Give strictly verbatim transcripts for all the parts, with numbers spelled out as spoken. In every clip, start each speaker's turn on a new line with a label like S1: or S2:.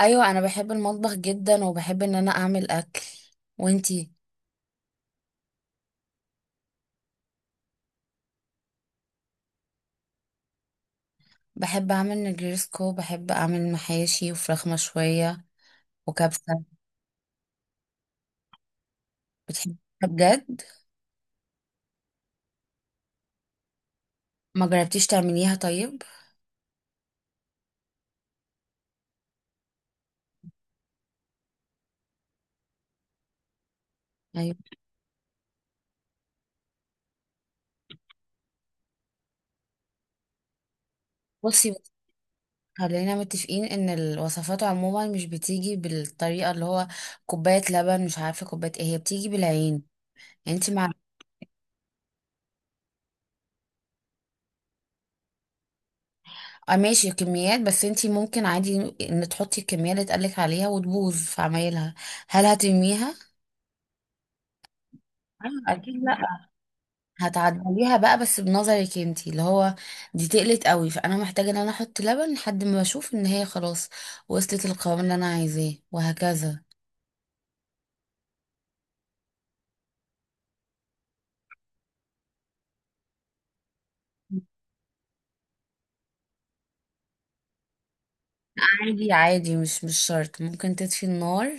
S1: ايوه، انا بحب المطبخ جدا وبحب ان انا اعمل اكل. وانتي؟ بحب اعمل نجرسكو. بحب اعمل محاشي وفراخ مشويه وكبسه. بتحبيها؟ بجد؟ ما جربتيش تعمليها طيب؟ ايوه. بصي بصي، خلينا متفقين ان الوصفات عموما مش بتيجي بالطريقه اللي هو. كوبايه لبن، مش عارفه كوبايه ايه. هي بتيجي بالعين. انتي مع اه، ماشي كميات. بس انتي ممكن عادي ان تحطي الكميه اللي اتقالك عليها وتبوظ في عمايلها. هل هترميها؟ أيوة، أكيد لأ. هتعدليها بقى، بس بنظرك انتي اللي هو دي تقلت قوي، فانا محتاجه ان انا احط لبن لحد ما اشوف ان هي خلاص وصلت القوام اللي انا عايزاه، وهكذا. عادي عادي، مش مش شرط. ممكن تطفي النار،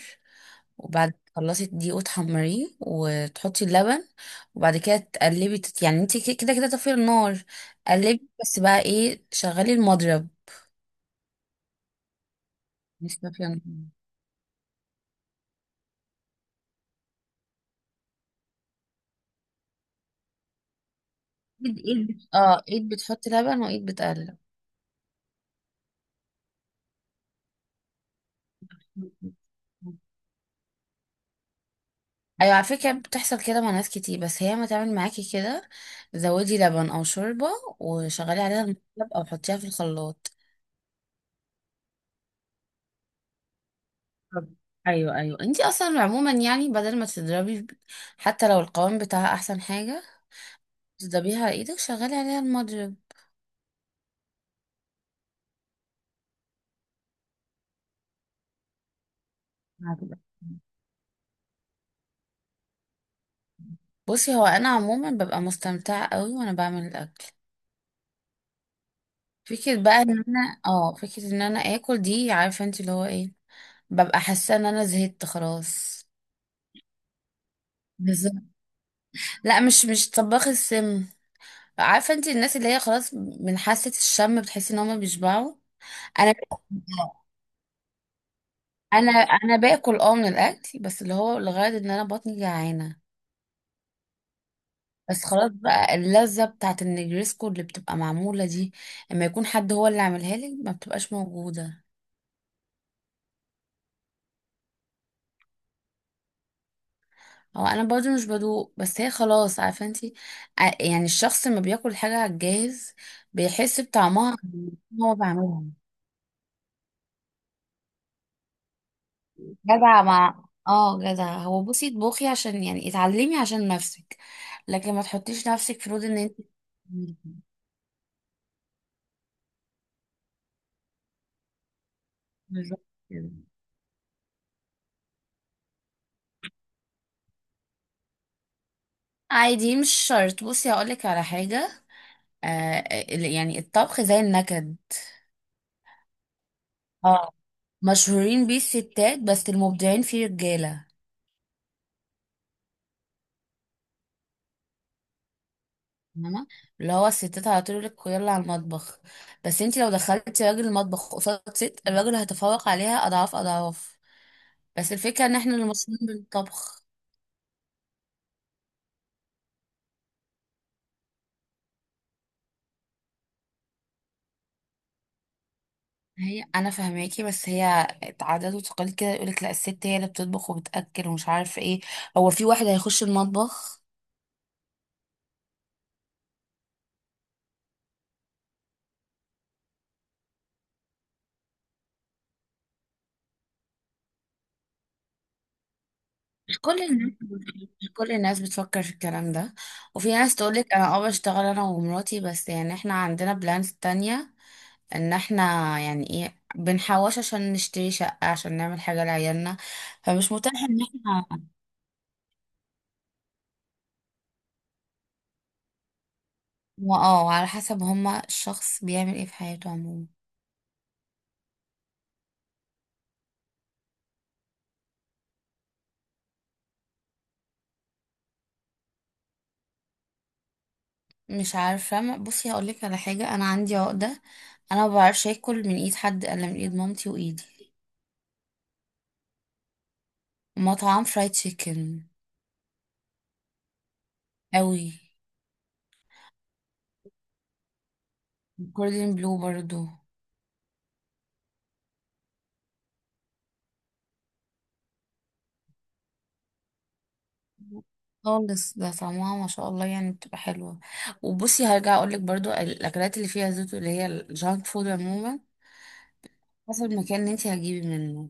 S1: وبعد ما تخلصي الدقيق وتحمريه وتحطي اللبن، وبعد كده تقلبي تت- يعني انتي كده كده كده طافيه النار. قلبي بس. بقى ايه؟ شغلي المضرب، مش طافيه النار. ايد ايد بت- اه ايد بتحطي لبن وايد بتقلب. ايوه، على فكره بتحصل كده مع ناس كتير، بس هي ما تعمل معاكي كده. زودي لبن او شوربه وشغلي عليها المقلب، او حطيها في الخلاط. طب. ايوه ايوه، انتي اصلا عموما يعني بدل ما تضربي، حتى لو القوام بتاعها، احسن حاجه تضربيها على ايدك، شغلي عليها المضرب. هتبقى- بصي، هو انا عموما ببقى مستمتعه قوي وانا بعمل الاكل. فكره بقى ان انا اه فكره ان انا اكل دي، عارفه انت اللي هو ايه؟ ببقى حاسه ان انا زهقت خلاص. بالظبط. لا، مش مش طباخ السم. عارفه انت الناس اللي هي خلاص من حاسه الشم بتحسي ان هم بيشبعوا. انا انا انا باكل اه من الاكل، بس اللي هو لغايه ان انا بطني جعانه. بس خلاص بقى، اللذه بتاعت النجريسكو اللي بتبقى معموله دي اما يكون حد هو اللي عاملها لي ما بتبقاش موجوده. هو انا برضو مش بدوق، بس هي خلاص، عارفه انت، يعني الشخص لما بياكل حاجه على الجاهز بيحس بطعمها هو بعملها. جدع مع اه جدع. هو بصي اطبخي عشان يعني اتعلمي عشان نفسك، لكن ما تحطيش نفسك في رود ان انت. بالظبط كده. عادي، مش شرط. بصي هقولك على حاجة. آه ال- يعني الطبخ زي النكد. اه، مشهورين بيه الستات بس المبدعين فيه رجالة. فاهمة؟ اللي هو الستات على طول يقولك يلا على المطبخ، بس انت لو دخلتي راجل المطبخ قصاد ست، الراجل هيتفوق عليها اضعاف اضعاف. بس الفكرة ان احنا اللي مشهورين بالطبخ. هي انا فهماكي، بس هي عادات وتقاليد كده. يقولك لا، الست هي اللي بتطبخ وبتاكل ومش عارف ايه. هو في واحد هيخش المطبخ؟ مش كل الناس مش كل الناس بتفكر في الكلام ده. وفي ناس تقولك انا اه بشتغل انا ومراتي، بس يعني احنا عندنا بلانز تانية ان احنا يعني ايه بنحوش عشان نشتري شقة، عشان نعمل حاجة لعيالنا. فمش متاح ان احنا. اه على حسب. هما الشخص بيعمل ايه في حياته عموما. مش عارفة. ما- بصي هقولك على حاجة، أنا عندي عقدة. أنا ما بعرفش آكل من إيد حد إلا من إيد مامتي وإيدي. مطعم فرايد تشيكن. أوي. جوردن بلو برضو. خالص، ده طعمها ما شاء الله، يعني بتبقى حلوة. وبصي هرجع أقولك برضو، الأكلات اللي فيها زيوت اللي هي الجانك فود عموما، حسب المكان اللي انتي هتجيبي منه.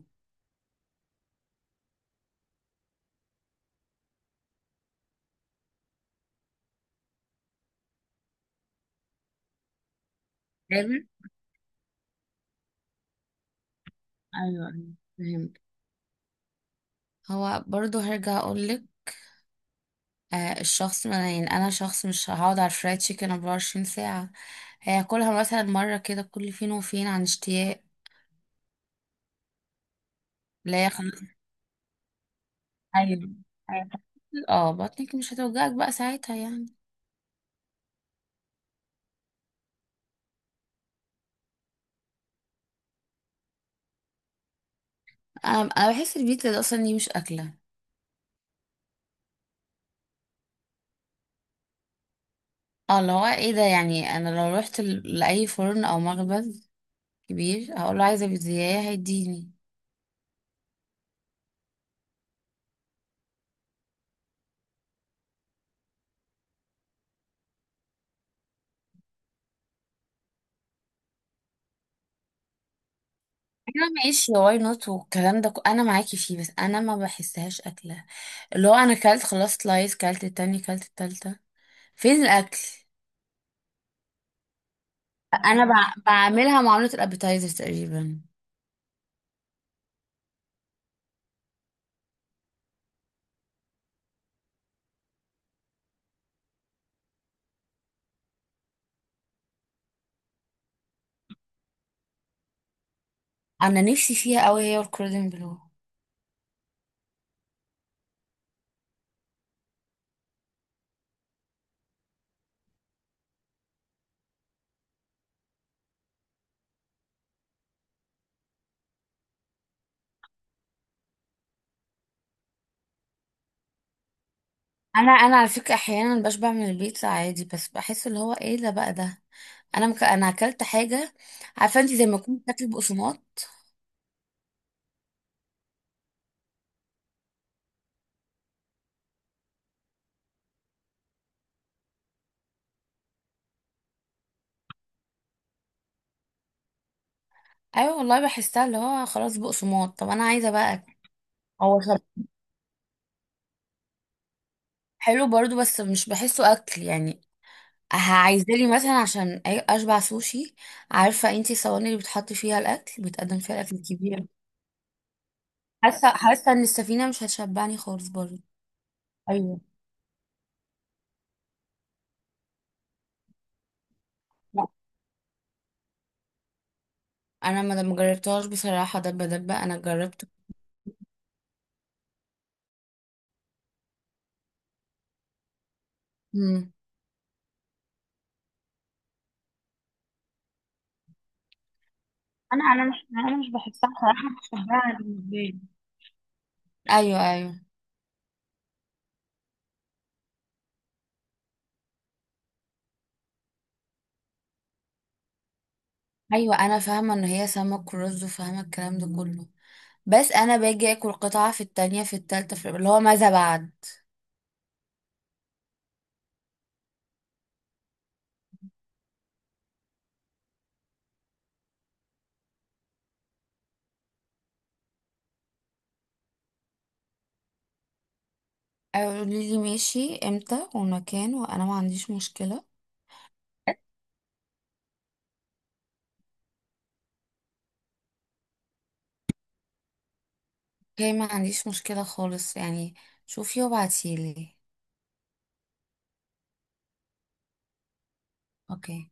S1: فاهمة؟ أيوة أيوة، فهمت. هو برضو هرجع أقولك، آه، الشخص ما أنا- يعني انا شخص مش هقعد على الفرايد تشيكن أربعة وعشرين ساعة. هياكلها مثلا مرة كده، كل فين وفين، عن اشتياق. لا يا خلاص. ايوه. أيوة. اه، بطنك مش هتوجعك بقى ساعتها يعني. انا أنا بحس البيتزا ده اصلا دي مش اكلة. اه، اللي هو ايه ده، يعني انا لو رحت ل- لاي فرن او مخبز كبير، هقول له عايزة بيتزاية، هيديني. انا ماشي واي نوت والكلام ده، ك- انا معاكي فيه، بس انا ما بحسهاش اكله. اللي هو انا كلت خلاص سلايس، كلت التاني، كلت التالتة، فين الاكل؟ انا بع... بعملها معاملة الابيتايزر تقريبا. انا نفسي فيها قوي، هي والكوردن بلو. انا انا على فكره احيانا بشبع من البيتزا عادي، بس بحس اللي هو ايه ده بقى، ده انا مك... انا اكلت حاجه، عارفه انت، زي ما كنت بتاكل بقسماط. ايوه والله، بحسها اللي هو خلاص بقسماط، طب انا عايزه بقى أكل. هو شب- حلو برضو، بس مش بحسه اكل يعني. عايزه لي مثلا عشان أي- اشبع سوشي، عارفه انت الصواني اللي بتحط فيها الاكل، بيتقدم فيها الاكل الكبير. حاسه حاسه ان السفينه مش هتشبعني خالص برضه. ايوه. لا، انا ما ما جربتهاش بصراحه. دبه دبه، انا جربت. امم. انا انا مش انا مش بحسها صراحه، مش بحبها بالنسبه لي. ايوه ايوه. ايوه انا فاهمه ان هي سمك ورز وفاهمه الكلام ده كله، بس انا باجي اكل قطعه، في التانية، في التالتة، في اللي هو ماذا بعد. قولي لي ماشي امتى والمكان، وانا ما عنديش مشكله. اوكي، ما عنديش مشكله خالص يعني. شوفي وابعتيلي. اوكي.